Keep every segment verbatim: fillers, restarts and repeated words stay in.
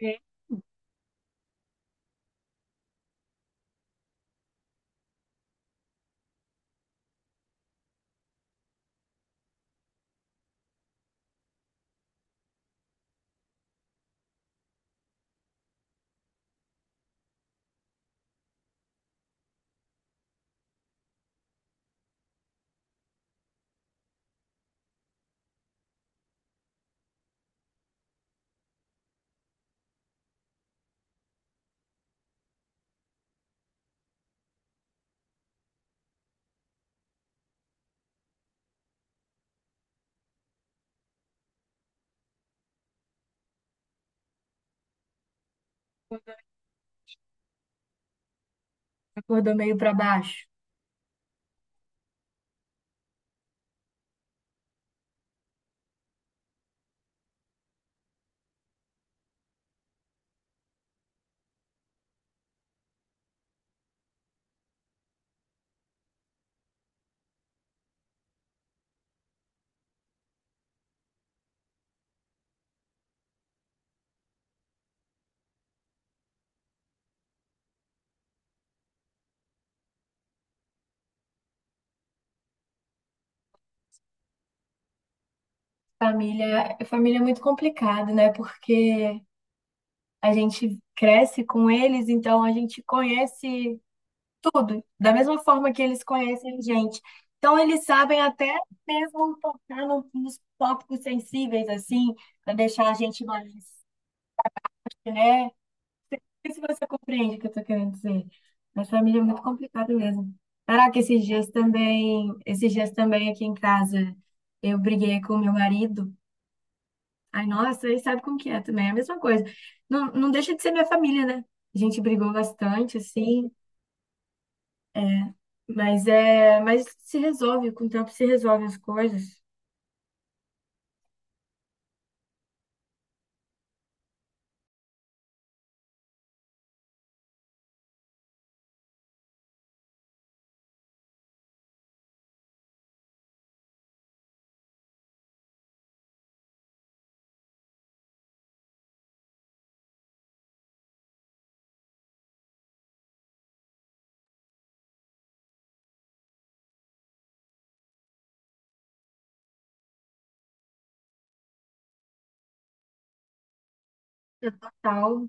É. Acordou, acordou meio para baixo. Família, família é muito complicado, né? Porque a gente cresce com eles, então a gente conhece tudo, da mesma forma que eles conhecem a gente. Então eles sabem até mesmo tocar no- nos tópicos sensíveis, assim, para deixar a gente mais, né? Não sei se você compreende o que eu tô querendo dizer. Mas família é muito complicado mesmo. Caraca, esses dias também, esses dias também aqui em casa, eu briguei com meu marido. Ai, nossa, aí sabe como que é também, é a mesma coisa. Não, não deixa de ser minha família, né? A gente brigou bastante, assim, mas é, mas se resolve, com o tempo se resolve as coisas. É total.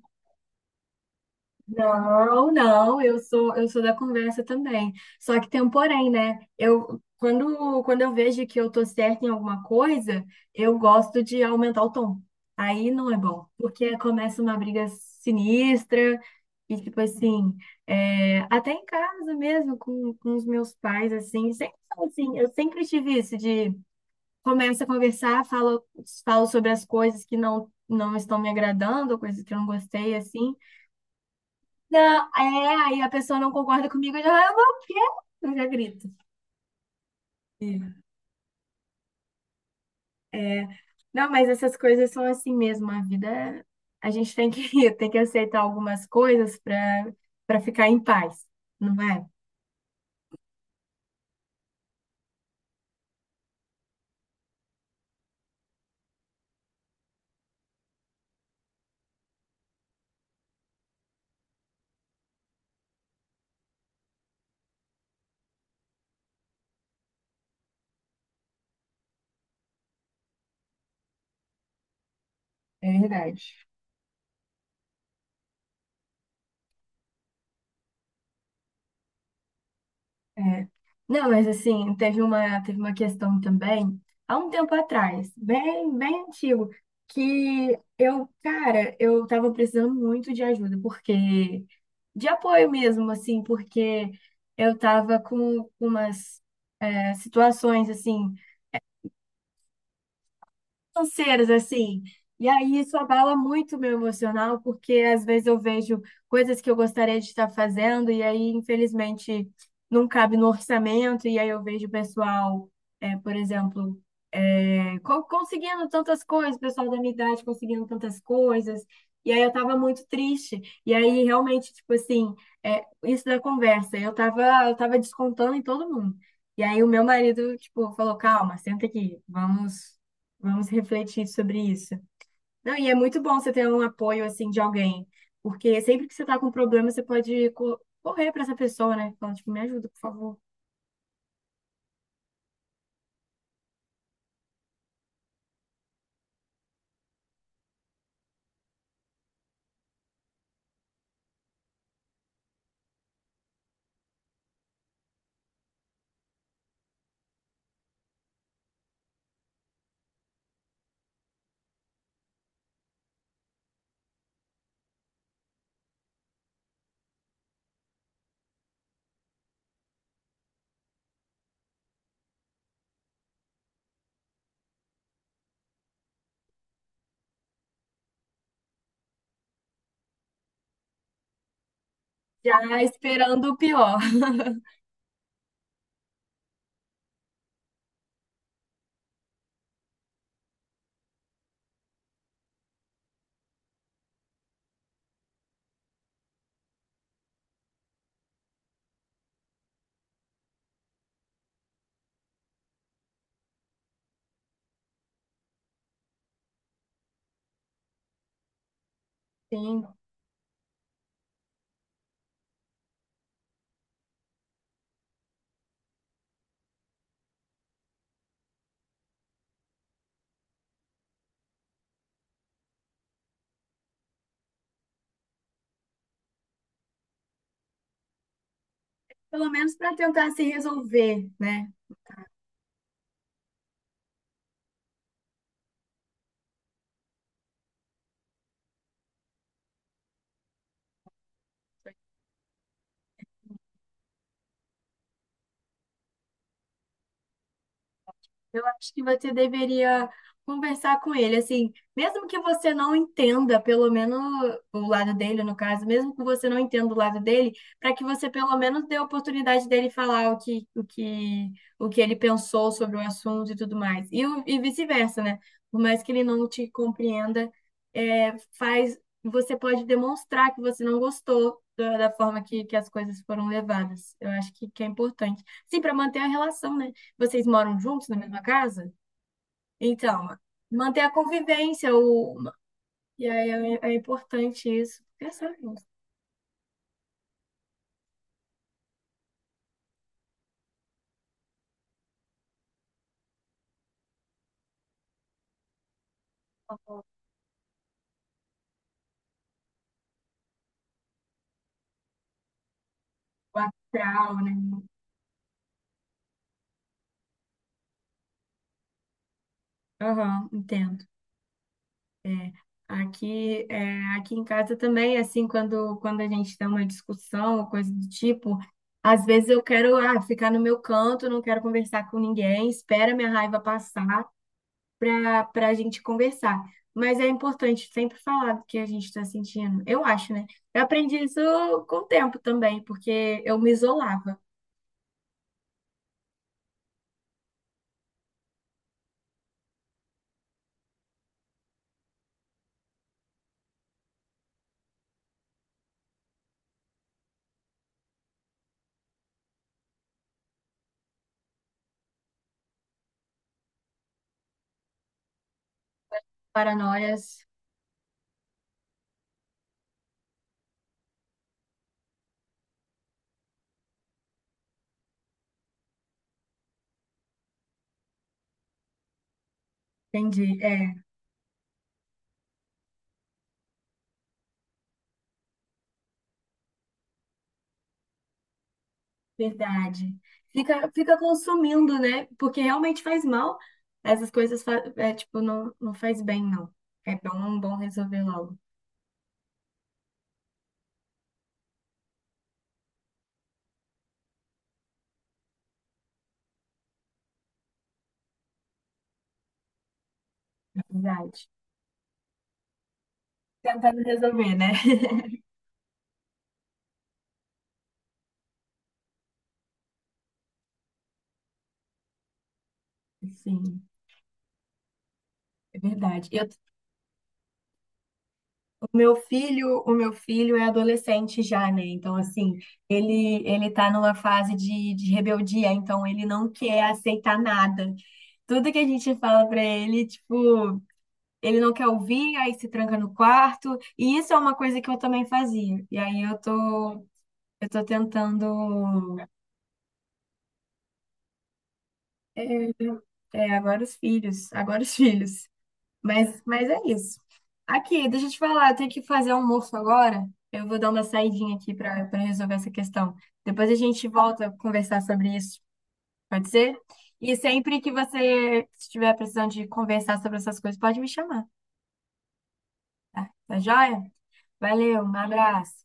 Não, não, eu sou, eu sou da conversa também. Só que tem um porém, né? Eu, quando, quando eu vejo que eu tô certa em alguma coisa, eu gosto de aumentar o tom. Aí não é bom, porque começa uma briga sinistra e, tipo assim, é, até em casa mesmo, com, com os meus pais, assim, sempre são assim, eu sempre tive isso de começa a conversar, falo, falo sobre as coisas que não, não estão me agradando, coisas que eu não gostei, assim, não, é, aí a pessoa não concorda comigo, eu já, "Ah, não, o quê?" Eu já grito. É. Não, mas essas coisas são assim mesmo, a vida, é- a gente tem que, tem que aceitar algumas coisas para para ficar em paz, não é? É verdade. É. Não, mas assim, teve uma, teve uma questão também, há um tempo atrás, bem, bem antigo, que eu, cara, eu tava precisando muito de ajuda, porque, de apoio mesmo, assim, porque eu tava com umas é, situações, assim, financeiras, assim. E aí isso abala muito o meu emocional, porque às vezes eu vejo coisas que eu gostaria de estar fazendo, e aí, infelizmente, não cabe no orçamento, e aí eu vejo o pessoal, é, por exemplo, co- conseguindo tantas coisas, o pessoal da minha idade conseguindo tantas coisas, e aí eu tava muito triste, e aí realmente, tipo assim, é, isso da conversa, eu tava, eu tava descontando em todo mundo, e aí o meu marido, tipo, falou, calma, senta aqui, vamos, vamos refletir sobre isso. Não, e é muito bom você ter um apoio, assim, de alguém, porque sempre que você tá com problema, você pode co- correr pra essa pessoa, né, falando, tipo, me ajuda, por favor, já esperando o pior. Sim. Pelo menos para tentar se resolver, né? Eu acho que você deveria conversar com ele, assim, mesmo que você não entenda, pelo menos o lado dele, no caso, mesmo que você não entenda o lado dele, para que você pelo menos dê a oportunidade dele falar o que, o que, o que ele pensou sobre o assunto e tudo mais. E, o- e vice-versa, né? Por mais que ele não te compreenda, é, faz, você pode demonstrar que você não gostou da, da forma que, que as coisas foram levadas. Eu acho que, que é importante. Sim, para manter a relação, né? Vocês moram juntos na mesma casa? Então, manter a convivência, o... E aí é, é importante isso. Porque é sabe, o astral, né? Aham, entendo. Aqui, é, aqui em casa também, assim, quando, quando a gente tem uma discussão ou coisa do tipo, às vezes eu quero, ah, ficar no meu canto, não quero conversar com ninguém, espera minha raiva passar. Para para a gente conversar. Mas é importante sempre falar do que a gente está sentindo. Eu acho, né? Eu aprendi isso com o tempo também, porque eu me isolava. Paranoias, entendi. É, verdade. Fica, fica consumindo, né? Porque realmente faz mal. Essas coisas, fa- é, tipo, não, não faz bem, não. É bom, bom resolver logo. Verdade. Tentando resolver, né? Sim, é verdade. Eu o meu filho, o meu filho é adolescente já, né? Então, assim, ele ele tá numa fase de, de rebeldia, então ele não quer aceitar nada. Tudo que a gente fala pra ele, tipo, ele não quer ouvir, aí se tranca no quarto. E isso é uma coisa que eu também fazia. E aí eu tô eu tô tentando é, é, agora os filhos, agora os filhos. Mas, mas é isso. Aqui, deixa eu te falar, eu tenho que fazer almoço agora. Eu vou dar uma saidinha aqui para para resolver essa questão. Depois a gente volta a conversar sobre isso, pode ser? E sempre que você estiver precisando de conversar sobre essas coisas, pode me chamar, tá joia? Valeu, um abraço.